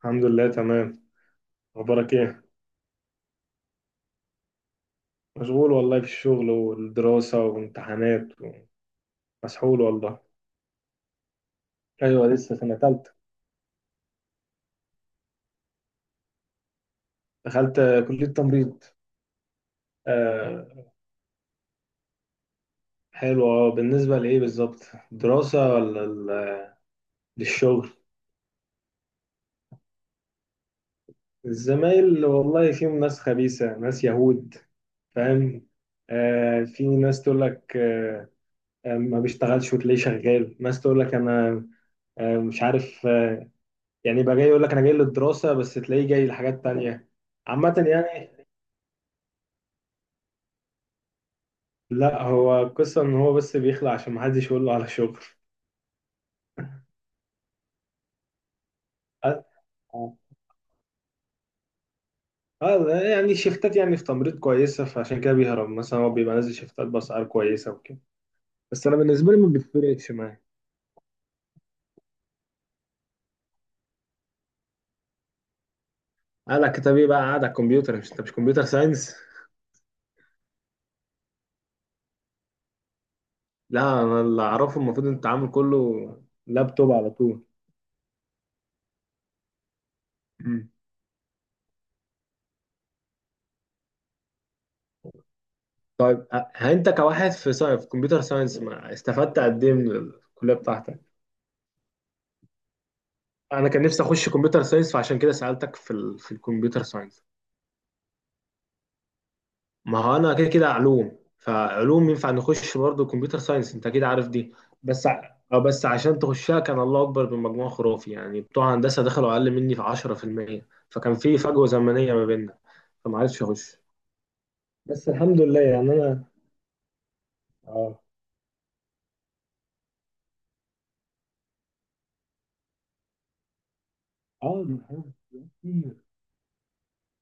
الحمد لله، تمام. اخبارك ايه؟ مشغول والله، في الشغل والدراسة وامتحانات. مسحول والله. ايوه، لسه سنة تالتة. دخلت كلية تمريض. آه. حلو. اه، بالنسبة لايه بالظبط؟ دراسة ولا للشغل؟ الزمايل والله فيهم ناس خبيثة، ناس يهود. فاهم؟ آه، في ناس تقول لك آه، ما بيشتغلش وتلاقيه شغال. ناس تقول لك انا آه، مش عارف، يعني بقى جاي يقول لك انا جاي للدراسة، بس تلاقيه جاي لحاجات تانية. عامة يعني، لا، هو القصة ان هو بس بيخلع عشان محدش يقول له على شغل. اه. يعني شيفتات، يعني في تمريض كويسة، فعشان كده بيهرب. مثلا هو بيبقى نازل شيفتات بأسعار كويسة وكده. بس انا بالنسبة لي ما بيفرقش معايا. قال لك طب ايه بقى قاعد على الكمبيوتر؟ مش انت مش كمبيوتر ساينس؟ لا، انا اللي اعرفه المفروض ان التعامل كله لابتوب على طول. مم. طيب، انت كواحد في ساينس، في كمبيوتر ساينس، ما استفدت قد ايه من الكليه بتاعتك؟ انا كان نفسي اخش كمبيوتر ساينس، فعشان كده سالتك في في الكمبيوتر ساينس. ما هو انا كده كده علوم، فعلوم ينفع نخش برضه كمبيوتر ساينس، انت اكيد عارف دي. بس بس عشان تخشها كان الله اكبر، بمجموع خرافي يعني، بتوع هندسه دخلوا اقل مني في 10%، فكان في فجوه زمنيه ما بيننا، فما عرفتش اخش. بس الحمد لله يعني انا. اه. اه، الحفظ كتير.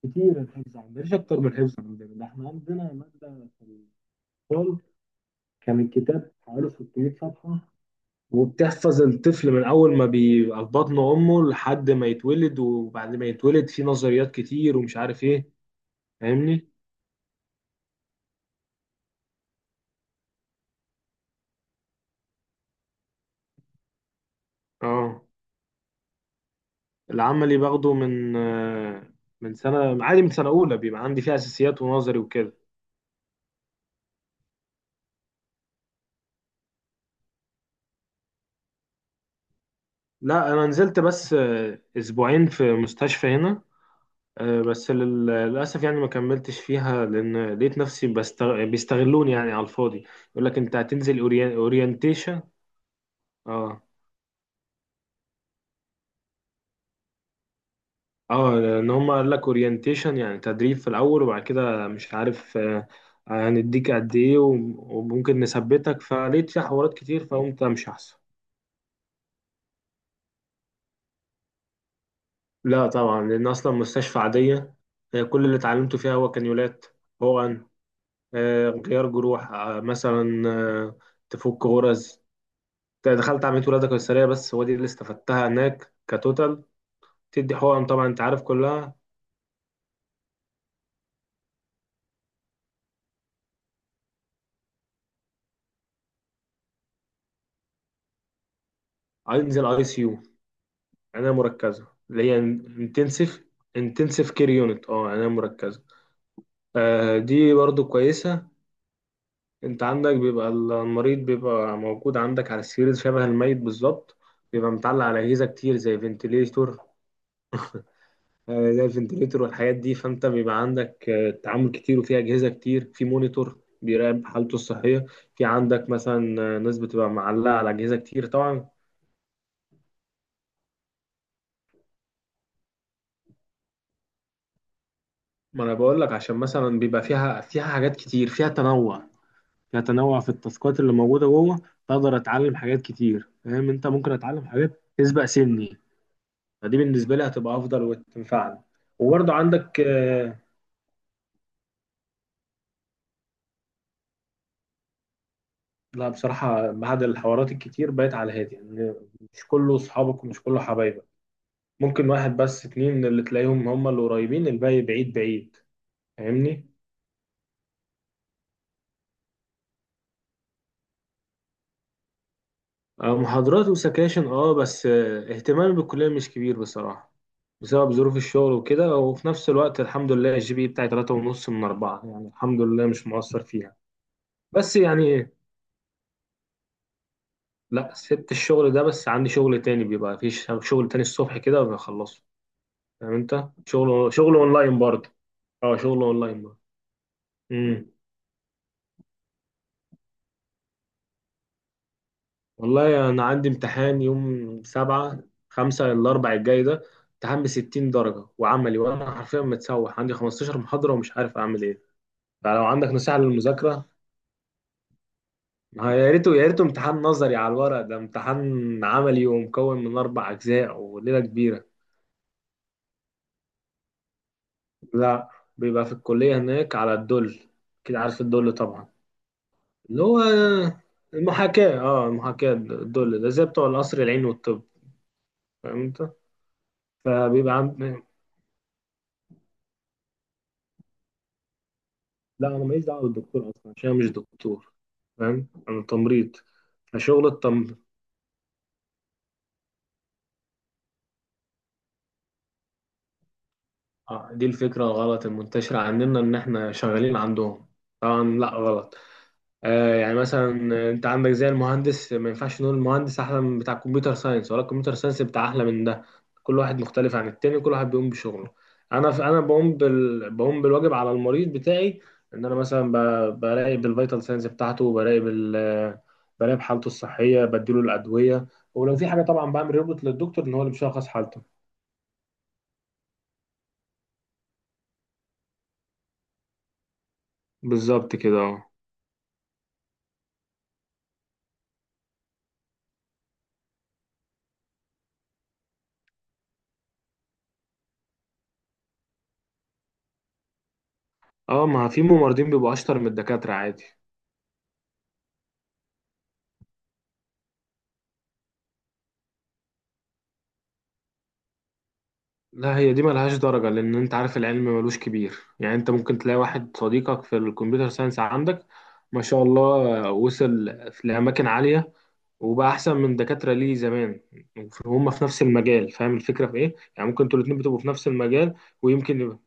كتير الحفظ عندنا، مش اكتر من الحفظ عندنا ده. احنا عندنا ماده في الفصل كان الكتاب حوالي 600 صفحه، وبتحفظ الطفل من اول ما بيبقى في بطن امه لحد ما يتولد، وبعد ما يتولد في نظريات كتير ومش عارف ايه. فاهمني؟ اه. العملي باخده من من سنه عادي، من سنه اولى بيبقى عندي فيها اساسيات ونظري وكده. لا، انا نزلت بس اسبوعين في مستشفى هنا. بس للاسف يعني ما كملتش فيها، لان لقيت نفسي بيستغلوني يعني على الفاضي. يقول لك انت هتنزل اورينتيشن. آه. اه، لان هم قال لك اورينتيشن يعني تدريب في الاول، وبعد كده مش عارف هنديك قد ايه وم- وممكن نثبتك. فلقيت فيها حوارات كتير، فقمت امشي احسن. لا طبعا، لان اصلا مستشفى عاديه. كل اللي اتعلمته فيها هو كانيولات، حقن، غيار جروح، مثلا، تفك غرز. دخلت عمليه ولاده قيصريه، بس هو دي اللي استفدتها هناك كتوتال. تدي حقن طبعا، انت عارف كلها. انزل ICU، عناية مركزة اللي هي انتنسيف. انتنسيف كير يونت، اه، عناية مركزة. آه، دي برضو كويسة. انت عندك بيبقى المريض بيبقى موجود عندك على السرير شبه الميت بالظبط، بيبقى متعلق على أجهزة كتير زي فنتليتور. آه، زي الفنتليتور والحاجات دي، فانت بيبقى عندك آه تعامل كتير، وفي أجهزة كتير، في مونيتور بيراقب حالته الصحية. في عندك مثلا ناس بتبقى معلقة على أجهزة كتير طبعا. ما انا بقول لك، عشان مثلا بيبقى فيها، فيها حاجات كتير، فيها تنوع، كتنوع في التاسكات اللي موجوده جوه. بقدر اتعلم حاجات كتير، فاهم انت؟ ممكن اتعلم حاجات تسبق سني، فدي بالنسبه لي هتبقى افضل وتنفعني. وبرضه عندك آه. لا بصراحه، بعد الحوارات الكتير بقيت على هادي يعني. مش كله صحابك، ومش كله حبايبك. ممكن واحد بس اتنين اللي تلاقيهم هم اللي قريبين، الباقي بعيد بعيد. فاهمني؟ محاضرات وسكاشن اه، بس اهتمامي بالكلية مش كبير بصراحة، بسبب ظروف الشغل وكده. وفي نفس الوقت الحمد لله الـGPA بتاعي 3.5 من 4، يعني الحمد لله مش مقصر فيها. بس يعني لا، سبت الشغل ده، بس عندي شغل تاني، بيبقى في شغل تاني الصبح كده وبخلصه. فاهم انت؟ شغل، شغل اونلاين برضه. اه، شغل اونلاين برضه. امم والله أنا عندي امتحان يوم 7/5، الأربع الجاي ده، امتحان بـ60 درجة وعملي، وأنا حرفيا متسوح. عندي 15 محاضرة ومش عارف أعمل إيه. فلو عندك نصيحة للمذاكرة. ما يا ريته، يا ريته امتحان نظري على الورق. ده امتحان عملي ومكون من 4 أجزاء، وليلة كبيرة. لا، بيبقى في الكلية هناك على الدل كده، عارف الدل طبعا. اللي هو المحاكاة. اه، المحاكاة، الدل ده زي بتوع القصر العيني والطب. فاهم انت؟ فبيبقى عند- لا، انا ماليش دعوه بالدكتور، اصلا عشان انا مش دكتور. فاهم؟ انا تمريض. فشغل التم... آه، دي الفكرة الغلط المنتشرة عندنا، إن إحنا شغالين عندهم. طبعا لأ، غلط. آه، يعني مثلا أنت عندك زي المهندس، ما ينفعش نقول المهندس أحلى من بتاع الكمبيوتر ساينس، ولا الكمبيوتر ساينس بتاع أحلى من ده. كل واحد مختلف عن التاني، كل واحد بيقوم بشغله. أنا بقوم بقوم بالواجب على المريض بتاعي. إن أنا مثلا براقب الفيتال ساينس بتاعته، براقب ال... آه، براقب حالته الصحية، بديله الأدوية، ولو في حاجة طبعا بعمل ريبورت للدكتور، إن هو اللي بيشخص حالته. بالظبط كده، أه. اه، ما في ممرضين بيبقوا اشطر من الدكاترة عادي. لا، هي دي ملهاش درجة، لأن أنت عارف العلم ملوش كبير. يعني أنت ممكن تلاقي واحد صديقك في الكمبيوتر ساينس عندك، ما شاء الله، وصل في لأماكن عالية، وبقى أحسن من دكاترة ليه زمان، وهم في نفس المجال. فاهم الفكرة في إيه؟ يعني ممكن أنتوا الاتنين بتبقوا في نفس المجال، ويمكن.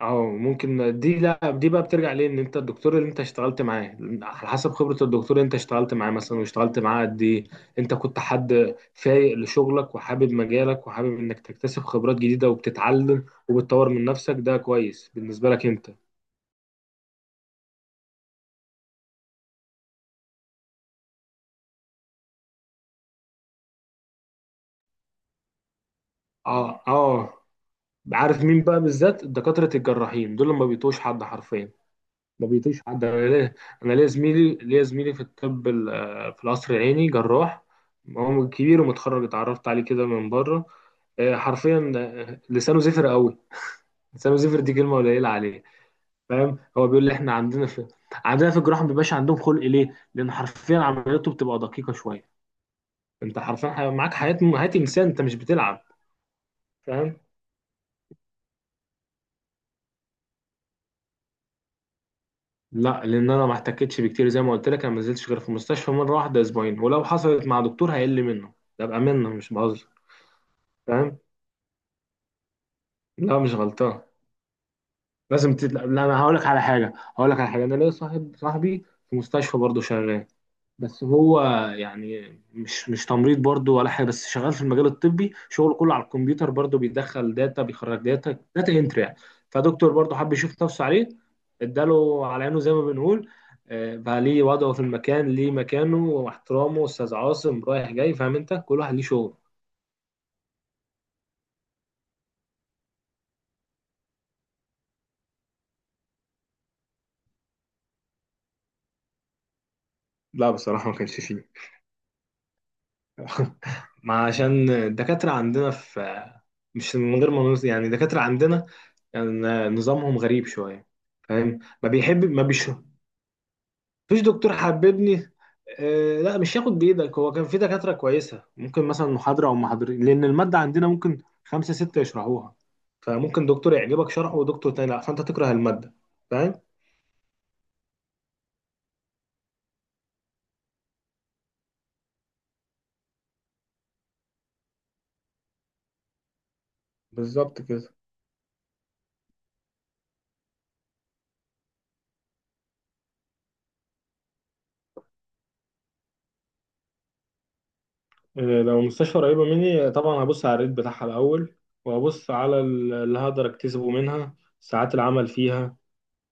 اه، ممكن دي، لا، دي بقى بترجع ليه، ان انت الدكتور اللي انت اشتغلت معاه على حسب خبرة الدكتور اللي انت اشتغلت معاه مثلا، واشتغلت معاه قد ايه. انت كنت حد فايق لشغلك وحابب مجالك، وحابب انك تكتسب خبرات جديدة، وبتتعلم وبتطور من نفسك، ده كويس بالنسبة لك انت. اه. اه، عارف مين بقى بالذات؟ دكاترة الجراحين دول اللي ما بيتوش حد حرفيا. ما بيطيش حد. انا ليا، انا ليا زميلي في الطب في القصر العيني جراح، هو كبير ومتخرج، اتعرفت عليه كده من بره. حرفيا لسانه زفر قوي، لسانه زفر دي كلمه قليله عليه. فاهم؟ هو بيقول لي احنا عندنا عندنا في الجراحه ما بيبقاش عندهم خلق ليه، لان حرفيا عملياته بتبقى دقيقه شويه. انت حرفيا معاك حياه، حياه انسان، انت مش بتلعب. فاهم؟ لا، لان انا ما احتكتش بكتير، زي ما قلت لك انا ما نزلتش غير في المستشفى مره واحده اسبوعين، ولو حصلت مع دكتور هيقل منه، ده بامانه مش بهزر. فاهم؟ لا، مش غلطان. لا، انا هقول لك على حاجه، انا ليا صاحب، صاحبي في مستشفى برضه شغال، بس هو يعني مش تمريض برضه ولا حاجه، بس شغال في المجال الطبي، شغله كله على الكمبيوتر برضه، بيدخل داتا بيخرج داتا، داتا انتري يعني. فدكتور برضه حب يشوف نفسه عليه، اداله على عينه زي ما بنقول. بقى ليه وضعه في المكان، ليه مكانه واحترامه، استاذ عاصم رايح جاي. فاهم انت؟ كل واحد ليه شغل. لا بصراحة ما كانش فيه. ما عشان الدكاترة عندنا في، مش من غير ما نقول- يعني الدكاترة عندنا يعني نظامهم غريب شوية. فاهم؟ ما بيحب ما بيش، مفيش دكتور حببني. آه، لا مش هياخد بإيدك. هو كان في دكاترة كويسة، ممكن مثلا محاضرة أو محاضرين، لأن المادة عندنا ممكن خمسة ستة يشرحوها، فممكن دكتور يعجبك شرحه ودكتور تاني لا، فأنت تكره المادة. فاهم؟ بالظبط كده. لو مستشفى قريبة مني، طبعا هبص على الريت بتاعها الأول، وهبص على اللي هقدر أكتسبه منها، ساعات العمل فيها،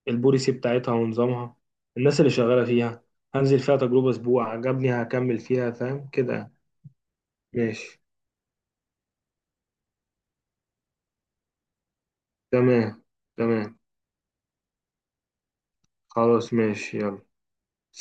البوليسي بتاعتها ونظامها، الناس اللي شغالة فيها. هنزل فيها تجربة أسبوع، عجبني هكمل فيها، فاهم كده يعني. ماشي. تمام. تمام. خلاص ماشي، يلا.